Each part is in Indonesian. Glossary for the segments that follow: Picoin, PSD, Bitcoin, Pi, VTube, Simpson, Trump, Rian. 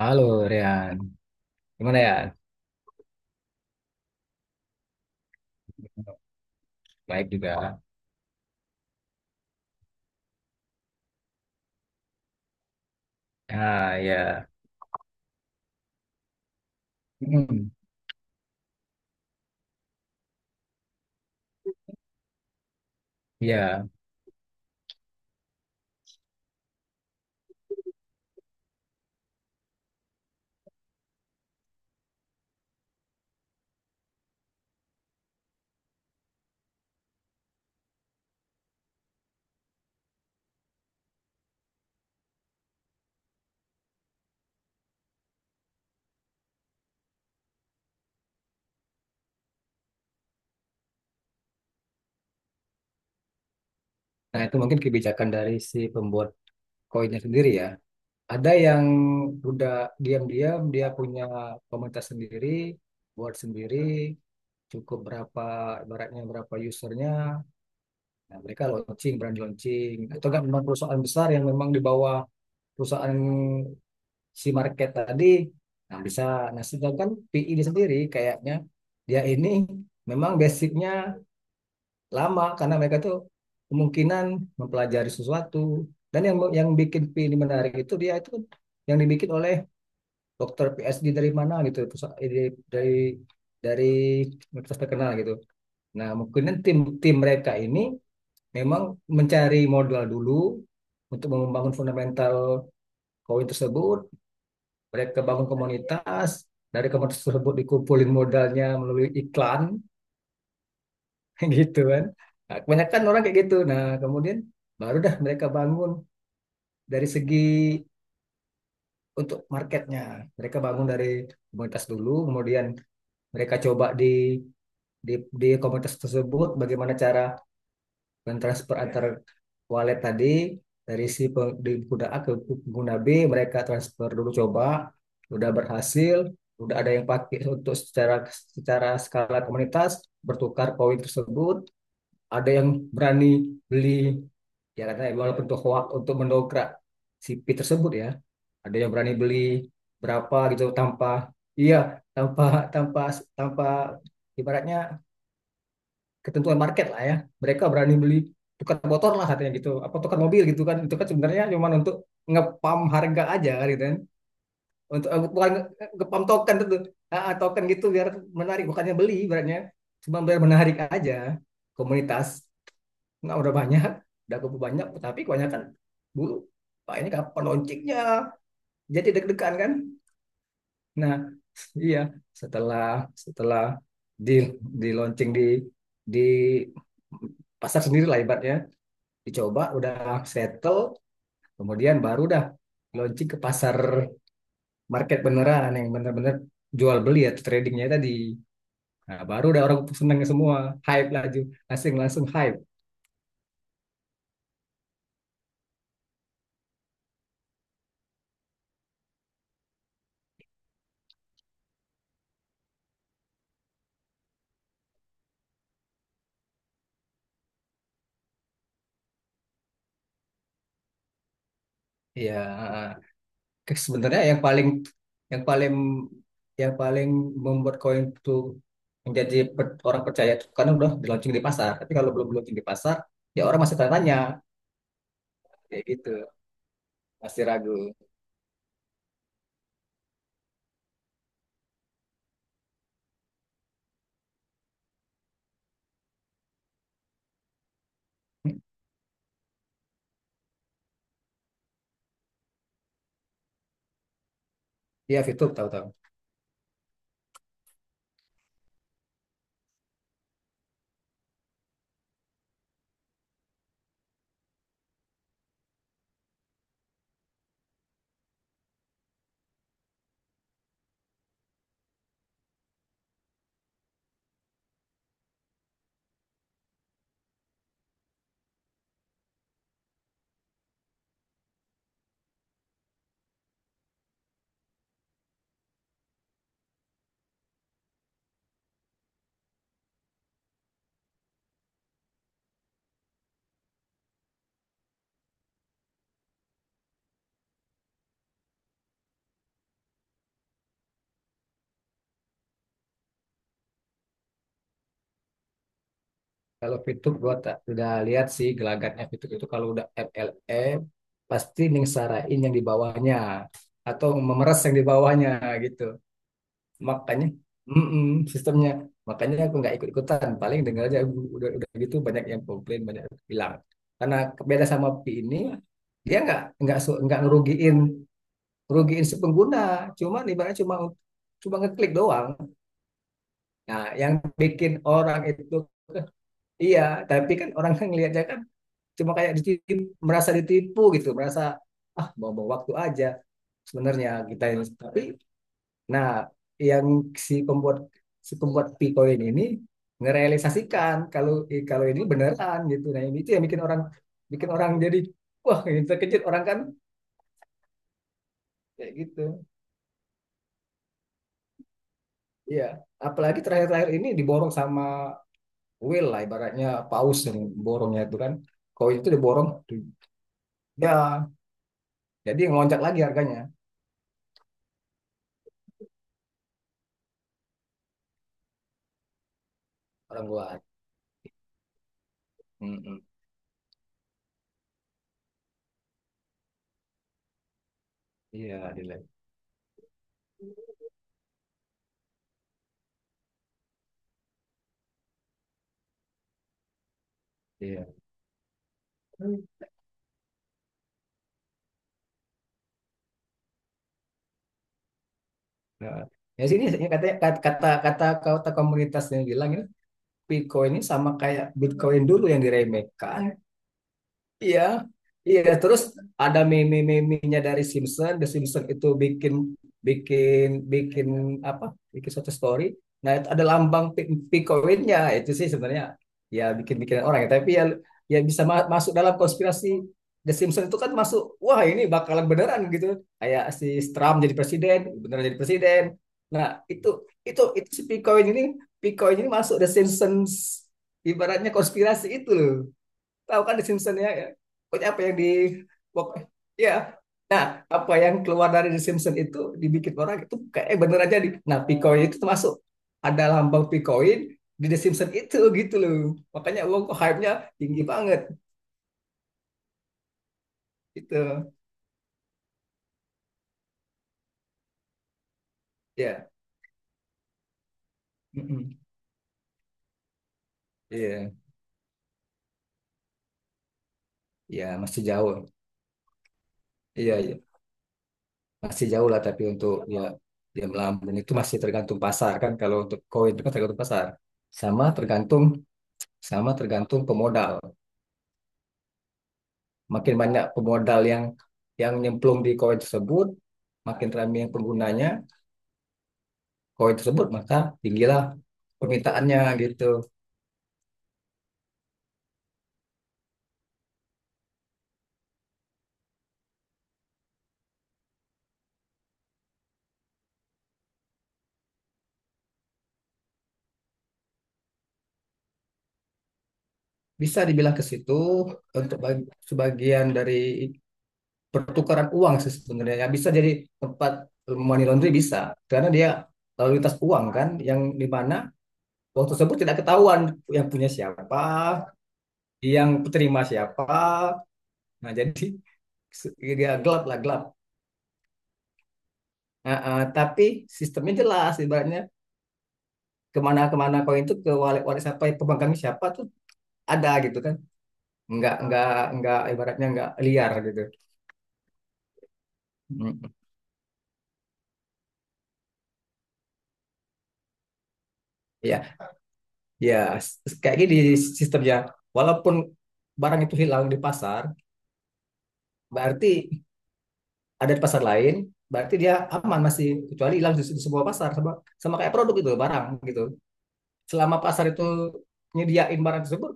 Halo Rian, gimana ya? Baik juga. Ah ya. Mm, ya. Nah itu mungkin kebijakan dari si pembuat koinnya sendiri ya. Ada yang udah diam-diam dia punya komunitas sendiri, buat sendiri, cukup berapa ibaratnya berapa usernya. Nah, mereka launching, brand launching. Atau enggak memang perusahaan besar yang memang di bawah perusahaan si market tadi, nah bisa, nah sedangkan PI ini sendiri kayaknya dia ini memang basicnya lama karena mereka tuh kemungkinan mempelajari sesuatu, dan yang bikin PI ini menarik itu dia itu yang dibikin oleh dokter PSD dari mana gitu, dari dari dari universitas terkenal gitu. Nah mungkin tim tim mereka ini memang mencari modal dulu untuk membangun fundamental koin tersebut. Mereka bangun komunitas, dari komunitas tersebut dikumpulin modalnya melalui iklan gitu kan. Nah, kebanyakan orang kayak gitu. Nah kemudian baru dah mereka bangun dari segi untuk marketnya, mereka bangun dari komunitas dulu, kemudian mereka coba di, di komunitas tersebut bagaimana cara, dan antar wallet tadi, dari si pengguna A ke pengguna B mereka transfer dulu coba. Udah berhasil, udah ada yang pakai untuk secara secara skala komunitas bertukar koin tersebut. Ada yang berani beli, ya katanya walaupun itu hoax untuk mendongkrak si P tersebut ya. Ada yang berani beli berapa gitu tanpa, iya tanpa tanpa tanpa ibaratnya ketentuan market lah ya. Mereka berani beli, tukar motor lah katanya gitu, apa tukar mobil gitu kan. Itu kan sebenarnya cuma untuk ngepam harga aja kan gitu kan. Untuk bukan ngepam token itu. Token gitu biar menarik, bukannya beli ibaratnya. Cuma biar menarik aja komunitas. Nah, udah banyak, udah cukup banyak, tapi kebanyakan dulu. Pak ini kapan loncengnya? Jadi deg-degan kan? Nah, iya. Setelah setelah di di launching di di pasar sendiri lah ibaratnya, dicoba udah settle, kemudian baru dah launching ke pasar, market beneran yang bener-bener jual beli ya, tradingnya tadi. Nah, baru dah orang seneng semua, hype laju, langsung langsung hype. Iya. Sebenarnya yang paling yang paling yang paling membuat koin itu menjadi orang percaya itu karena udah di launching di pasar. Tapi kalau belum launching di pasar, ya orang masih tanya-tanya kayak gitu, masih ragu. Iya, VTube tahu-tahu. Kalau VTube gua tak udah lihat sih gelagatnya. VTube itu kalau udah MLM pasti ningsarain yang di bawahnya, atau memeras yang di bawahnya gitu. Makanya mm-mm, sistemnya, makanya aku nggak ikut-ikutan, paling dengar aja aku udah gitu banyak yang komplain, banyak yang bilang. Karena beda sama Pi ini, dia nggak nggak ngerugiin, ngerugiin si pengguna, cuman ibaratnya cuma, cuma ngeklik doang. Nah, yang bikin orang itu, iya, tapi kan orang kan ngelihatnya kan cuma kayak ditipu, merasa ditipu gitu, merasa ah bawa-bawa waktu aja sebenarnya kita ini. Tapi nah, yang si pembuat, si pembuat Picoin ini ngerealisasikan kalau kalau ini beneran gitu. Nah, ini itu yang bikin orang, bikin orang jadi wah, ini terkejut orang kan kayak gitu. Iya, apalagi terakhir-terakhir ini diborong sama whale lah, ibaratnya paus yang borongnya itu kan. Koin itu diborong tuh. Ya. Jadi ngelonjak lagi harganya orang luar. Mm-mm. Iya, delay. Iya. Nah, ya sini katanya, kata kata kata kata komunitasnya bilang ini Bitcoin ini sama kayak Bitcoin dulu yang diremehkan. Iya, iya. Terus ada meme-memenya dari Simpson. The Simpson itu bikin bikin bikin apa? Bikin suatu story. Nah, itu ada lambang Picoinnya itu sih sebenarnya, ya bikin-bikin orang ya. Tapi ya, ya bisa masuk dalam konspirasi. The Simpson itu kan masuk, wah ini bakalan beneran gitu. Kayak si Trump jadi presiden, beneran jadi presiden. Nah, itu itu si Picoin ini, Picoin ini masuk The Simpsons, ibaratnya konspirasi itu loh. Tahu kan The Simpsons ya? Ya. Pokoknya apa yang di, pok- ya apa yang keluar dari The Simpsons itu dibikin orang itu kayak eh, bener aja di. Nah, Picoin itu termasuk, ada lambang Picoin di The Simpsons itu gitu loh. Makanya uang kok hype-nya tinggi banget gitu. Ya. Mm. Iya. Ya, masih jauh. Iya, iya. Masih jauh lah tapi untuk ya dia melambung itu masih tergantung pasar kan, kalau untuk koin itu kan tergantung pasar. Sama tergantung sama tergantung pemodal. Makin banyak pemodal yang nyemplung di koin tersebut, makin ramai yang penggunanya koin tersebut, maka tinggilah permintaannya gitu. Bisa dibilang ke situ untuk sebagian dari pertukaran uang sih sebenarnya. Ya, bisa jadi tempat money laundry, bisa karena dia lalu lintas uang kan yang di mana uang tersebut tidak ketahuan yang punya siapa, yang penerima siapa. Nah, jadi ya gelap lah, gelap. Nah, tapi sistemnya jelas ibaratnya kemana-kemana koin itu ke wallet-wallet siapa, pemegang siapa tuh ada gitu kan. Nggak nggak nggak ibaratnya nggak liar gitu. Mm. Ya, ya, kayak gini sistemnya, walaupun barang itu hilang di pasar, berarti ada di pasar lain, berarti dia aman masih, kecuali hilang di, di sebuah pasar. Sama sama kayak produk itu barang gitu, selama pasar itu nyediain barang tersebut,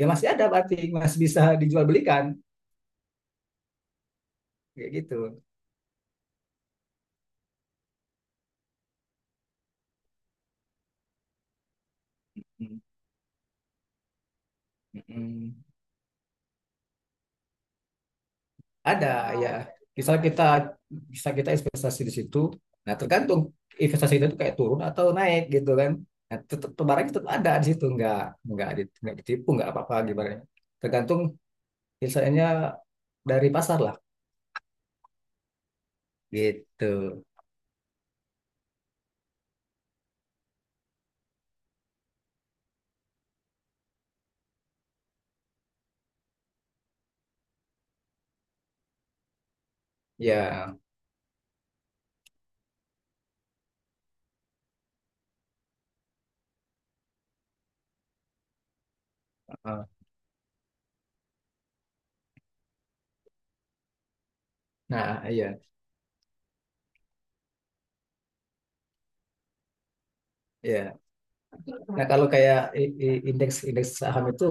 ya masih ada berarti masih bisa dijual belikan kayak gitu. Mm. Mm-mm. Ada ya, bisa kita bisa kita investasi di situ. Nah tergantung investasi itu kayak turun atau naik gitu kan. Nah tetap barang tetap ada di situ, nggak nggak ditipu, nggak apa-apa gimana. Tergantung misalnya dari pasar lah gitu. Ya, eh, nah iya iya. Nah kalau kayak, indeks indeks saham itu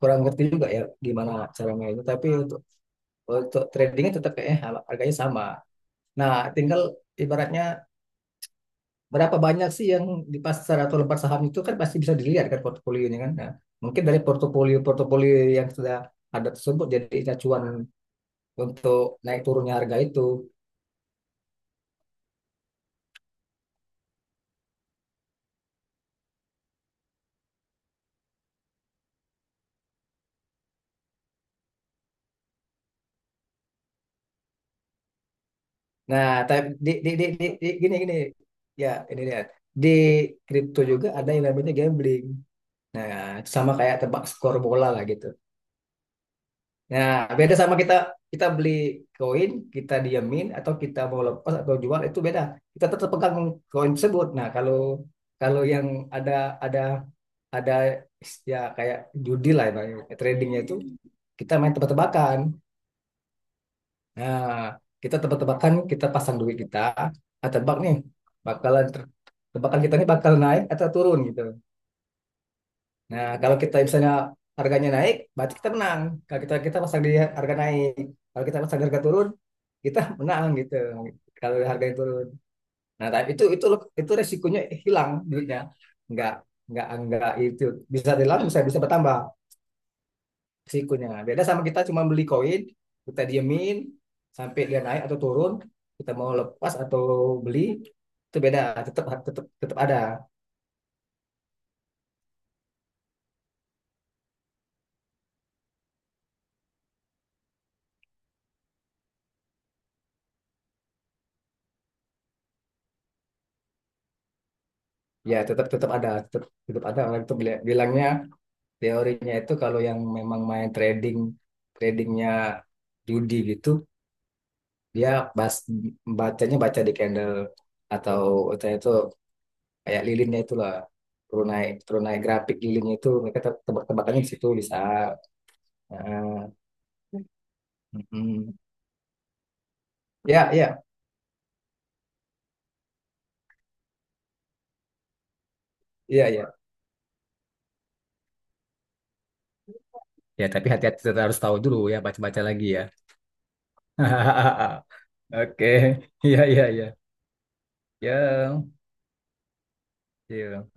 kurang ngerti juga ya gimana cara mainnya. Tapi untuk tradingnya tetap kayaknya harganya sama. Nah tinggal ibaratnya berapa banyak sih yang di pasar atau lembar saham itu kan pasti bisa dilihat kan portofolionya kan. Nah, mungkin dari portofolio-portofolio yang sudah ada tersebut jadi acuan untuk naik turunnya harga itu. Nah, tapi di gini gini, ya ini dia. Di kripto juga ada yang namanya gambling. Nah, sama kayak tebak skor bola lah gitu. Nah, beda sama kita, kita beli koin, kita diamin atau kita mau lepas atau jual itu beda. Kita tetap pegang koin tersebut. Nah, kalau kalau yang ada ada ada ya kayak judi lah ya, tradingnya itu kita main tebak-tebakan. Nah, kita tebak-tebakan, kita pasang duit kita, ah, tebak nih bakalan tebakan kita ini bakal naik atau turun gitu. Nah, kalau kita misalnya harganya naik, berarti kita menang. Kalau kita kita pasang di harga naik, kalau kita pasang di harga turun, kita menang gitu. Kalau harganya turun. Nah, tapi itu resikonya hilang duitnya. Enggak, enggak itu bisa hilang, bisa, bisa bertambah resikonya. Beda sama kita cuma beli koin, kita diemin sampai dia naik atau turun, kita mau lepas atau beli itu beda, tetap tetap tetap ada. Ya tetap tetap ada, tetap tetap ada orang itu bilangnya. Teorinya itu kalau yang memang main trading, tradingnya judi gitu, dia bas, bacanya baca di candle, atau itu kayak lilinnya itulah, tunai tunai grafik lilinnya itu mereka tebak-tebakannya di situ bisa. Nah, mm. Ya, ya, ya. Ya, tapi hati-hati, tetap harus tahu dulu ya, baca-baca lagi ya. Oke, iya, iya, iya. Ya, ya.